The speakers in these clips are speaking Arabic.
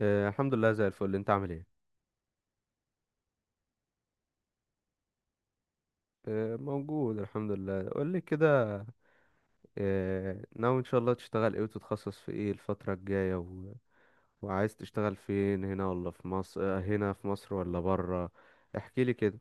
الحمد لله زي الفل، انت عامل ايه؟ موجود الحمد لله. قول لي كده. ناوي ان شاء الله تشتغل ايه وتتخصص في ايه الفترة الجاية و... وعايز تشتغل فين، هنا ولا في مصر، هنا في مصر ولا برا؟ احكي لي كده.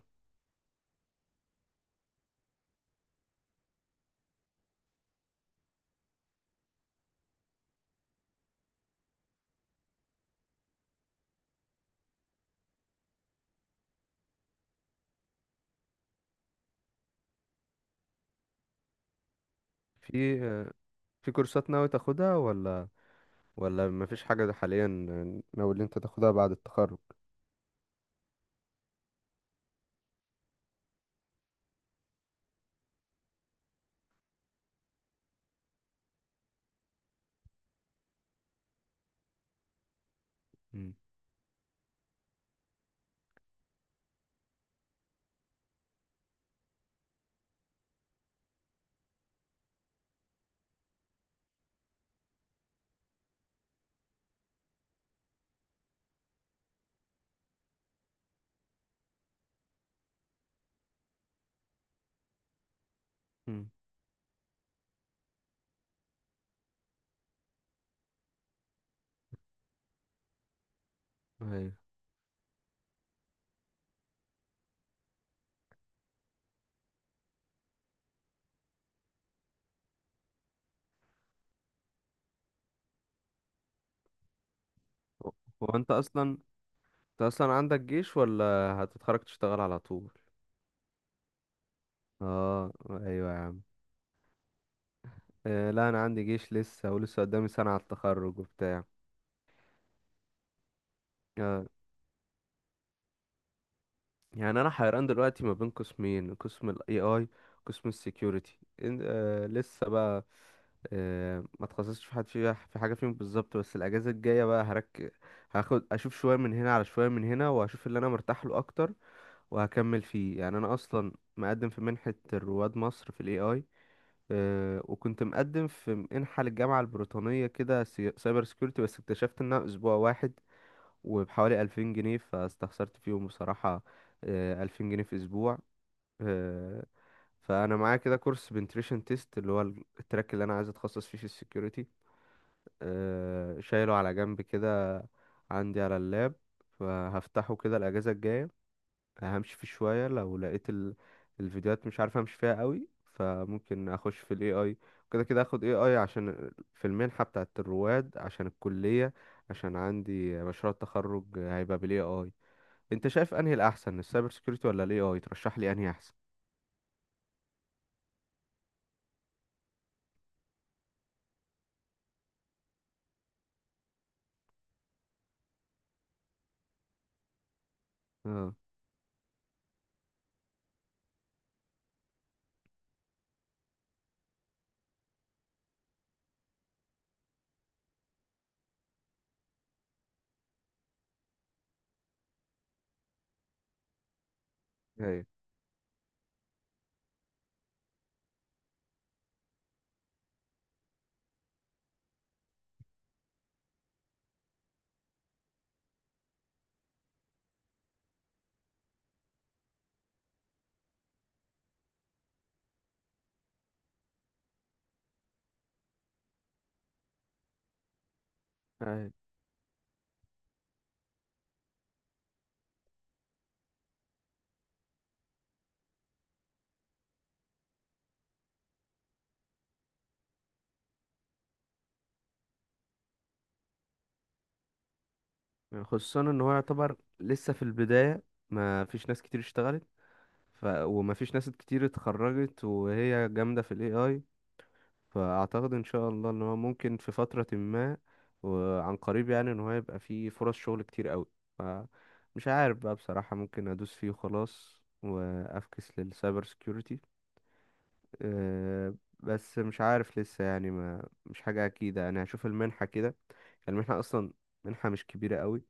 في آه، في كورسات ناوي تاخدها، ولا مفيش حاجة حاليا ناوي اللي انت تاخدها بعد التخرج؟ مم. مم. ايوه. هو هو انت اصلا عندك جيش، ولا هتتخرج تشتغل على طول؟ اه، ايوه يا عم. لا، انا عندي جيش لسه، ولسه قدامي سنة على التخرج وبتاع. آه، يعني انا حيران دلوقتي ما بين قسمين، قسم الاي اي وقسم السكيورتي. لسه بقى ما تخصصتش في حد فيها، في حاجة فيهم بالظبط، بس الاجازة الجاية بقى هاخد اشوف شوية من هنا على شوية من هنا، واشوف اللي انا مرتاح له اكتر وهكمل فيه. يعني انا اصلا مقدم في منحة رواد مصر في الاي اي. وكنت مقدم في منحة للجامعة البريطانية كده سايبر سكيورتي، بس اكتشفت انها اسبوع واحد وبحوالي 2000 جنيه، فاستخسرت فيهم بصراحة. 2000 جنيه في أسبوع! آه، فأنا معايا كده كورس بنتريشن تيست، اللي هو التراك اللي أنا عايز أتخصص فيه في السكيورتي. شايله على جنب كده، عندي على اللاب. فهفتحه كده الأجازة الجاية، همشي فيه شوية. لو لقيت الفيديوهات مش عارف أمشي فيها قوي، فممكن أخش في ال AI. كده كده أخد AI عشان في المنحة بتاعة الرواد، عشان الكلية، عشان عندي مشروع التخرج هيبقى بال AI. انت شايف انهي الاحسن، السايبر سيكيورتي ولا الاي اي؟ ترشح لي انهي احسن. اه. ايوه. أيوة. خصوصا ان هو يعتبر لسه في البداية، ما فيش ناس كتير اشتغلت. وما فيش ناس كتير اتخرجت وهي جامدة في الاي اي. فاعتقد ان شاء الله ان هو ممكن في فترة ما وعن قريب، يعني ان هو يبقى فيه فرص شغل كتير قوي. ف... مش عارف بقى بصراحة، ممكن ادوس فيه وخلاص وافكس للسايبر سيكيورتي. آه، بس مش عارف لسه، يعني ما مش حاجة أكيدة. أنا هشوف المنحة كده. المنحة أصلا منحة مش كبيرة قوي،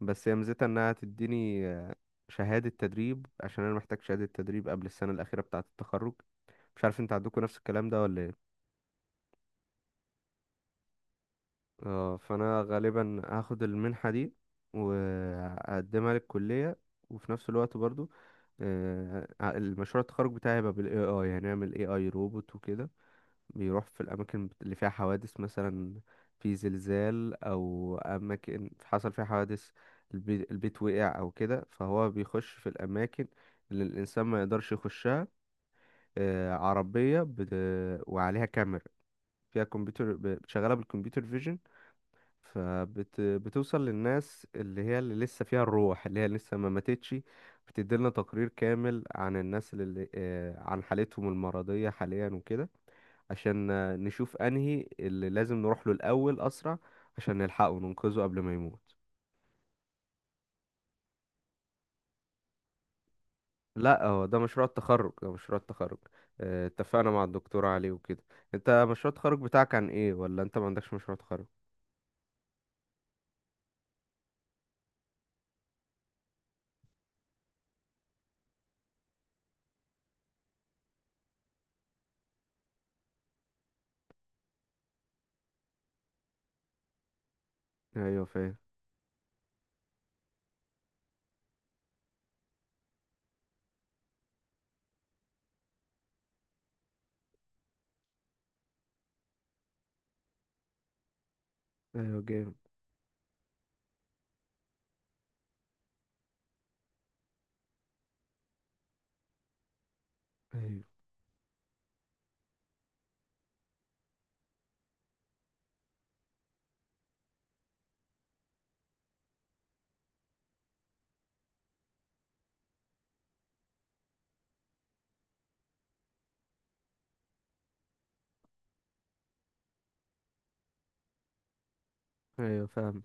بس هي ميزتها إنها تديني شهادة تدريب، عشان أنا محتاج شهادة تدريب قبل السنة الأخيرة بتاعة التخرج. مش عارف أنت عندكم نفس الكلام ده ولا إيه؟ اه، فأنا غالبا هاخد المنحة دي وهقدمها للكلية. وفي نفس الوقت برضو، المشروع التخرج بتاعي هيبقى بال AI. هنعمل AI روبوت وكده، بيروح في الأماكن اللي فيها حوادث، مثلا في زلزال أو أماكن حصل فيها حوادث، البيت وقع أو كده، فهو بيخش في الأماكن اللي الإنسان ما يقدرش يخشها. عربية وعليها كاميرا، فيها كمبيوتر شغالة بالكمبيوتر فيجن، فبتوصل للناس اللي هي اللي لسه فيها الروح، اللي هي لسه ما ماتتش. بتديلنا تقرير كامل عن الناس اللي آه، عن حالتهم المرضية حاليا وكده، عشان نشوف انهي اللي لازم نروح له الاول اسرع، عشان نلحقه وننقذه قبل ما يموت. لا، هو ده مشروع التخرج، ده مشروع التخرج. اتفقنا مع الدكتور عليه وكده. انت مشروع التخرج بتاعك عن ايه، ولا انت ما عندكش مشروع تخرج؟ ايوه، فاهم. ايوه، جامد. ايوه. ايوه، فاهم.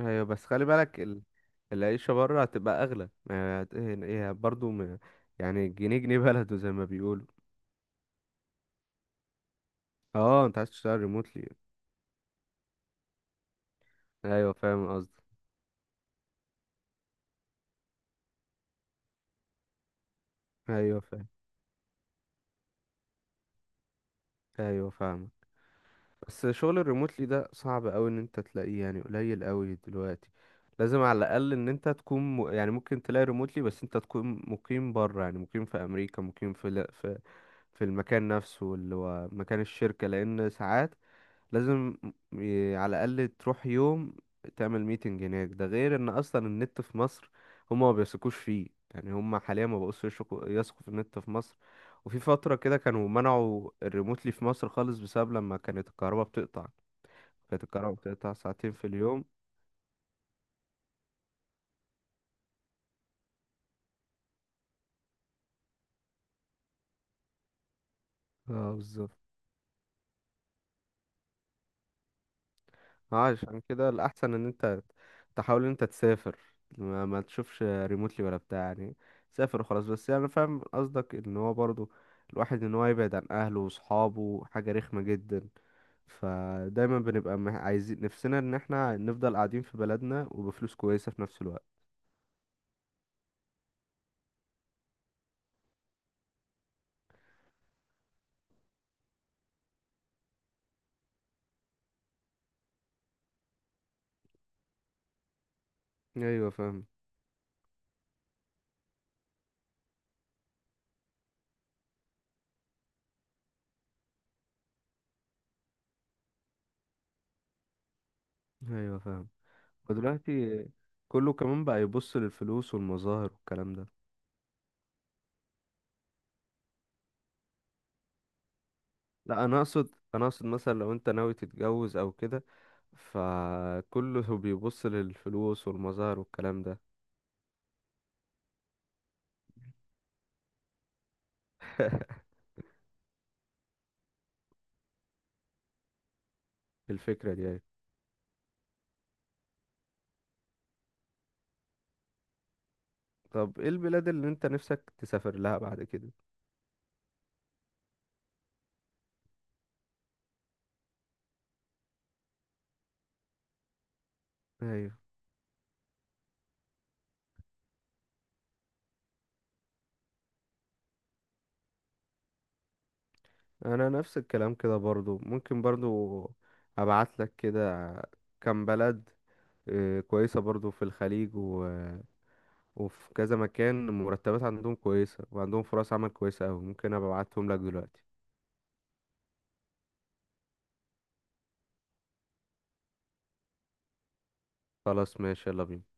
ايوه، بس خلي بالك العيشة بره هتبقى اغلى، ما هت- ايه إيه، برضو يعني الجنيه جنيه بلده زي ما بيقولوا. اه، انت عايز تشتغل ريموتلي؟ ايوه، فاهم قصدي. ايوه، فاهم. ايوه، فاهم. بس شغل الريموتلي ده صعب قوي ان انت تلاقيه، يعني قليل قوي دلوقتي. لازم على الاقل ان انت تكون يعني ممكن تلاقي ريموتلي، بس انت تكون مقيم بره، يعني مقيم في امريكا، مقيم في ال- في في المكان نفسه اللي هو مكان الشركة، لان ساعات لازم على الاقل تروح يوم تعمل ميتنج هناك. ده غير ان اصلا النت في مصر هما ما بيثقوش فيه، يعني هما حاليا ما بقوش يثقوا في النت في مصر. وفي فترة كده كانوا منعوا الريموتلي في مصر خالص، بسبب لما كانت الكهرباء بتقطع. كانت الكهرباء بتقطع ساعتين في اليوم. اه، بالظبط. عشان كده الأحسن إن أنت تحاول إن أنت تسافر. ما تشوفش ريموتلي ولا بتاع، يعني سافر وخلاص. بس يعني أنا فاهم قصدك إن هو برضو الواحد إن هو يبعد عن أهله وصحابه حاجة رخمة جدا، فدايما بنبقى عايزين نفسنا إن احنا نفضل قاعدين في بلدنا وبفلوس كويسة في نفس الوقت. أيوة، فاهم. أيوة، فاهم. ودلوقتي كله كمان بقى يبص للفلوس والمظاهر والكلام ده. لا، انا اقصد مثلا لو انت ناوي تتجوز او كده، فكله بيبص للفلوس والمظاهر والكلام ده. الفكرة دي، ايوه. طب، ايه البلاد اللي انت نفسك تسافر لها بعد كده؟ ايوه، انا نفس الكلام كده برضو. ممكن برضو ابعت لك كده كام بلد، كويسة برضو، في الخليج و... وفي كذا مكان مرتبات عندهم كويسة وعندهم فرص عمل كويسة أوي. ممكن أبقى أبعتهم لك دلوقتي. خلاص، ماشي، يلا بينا.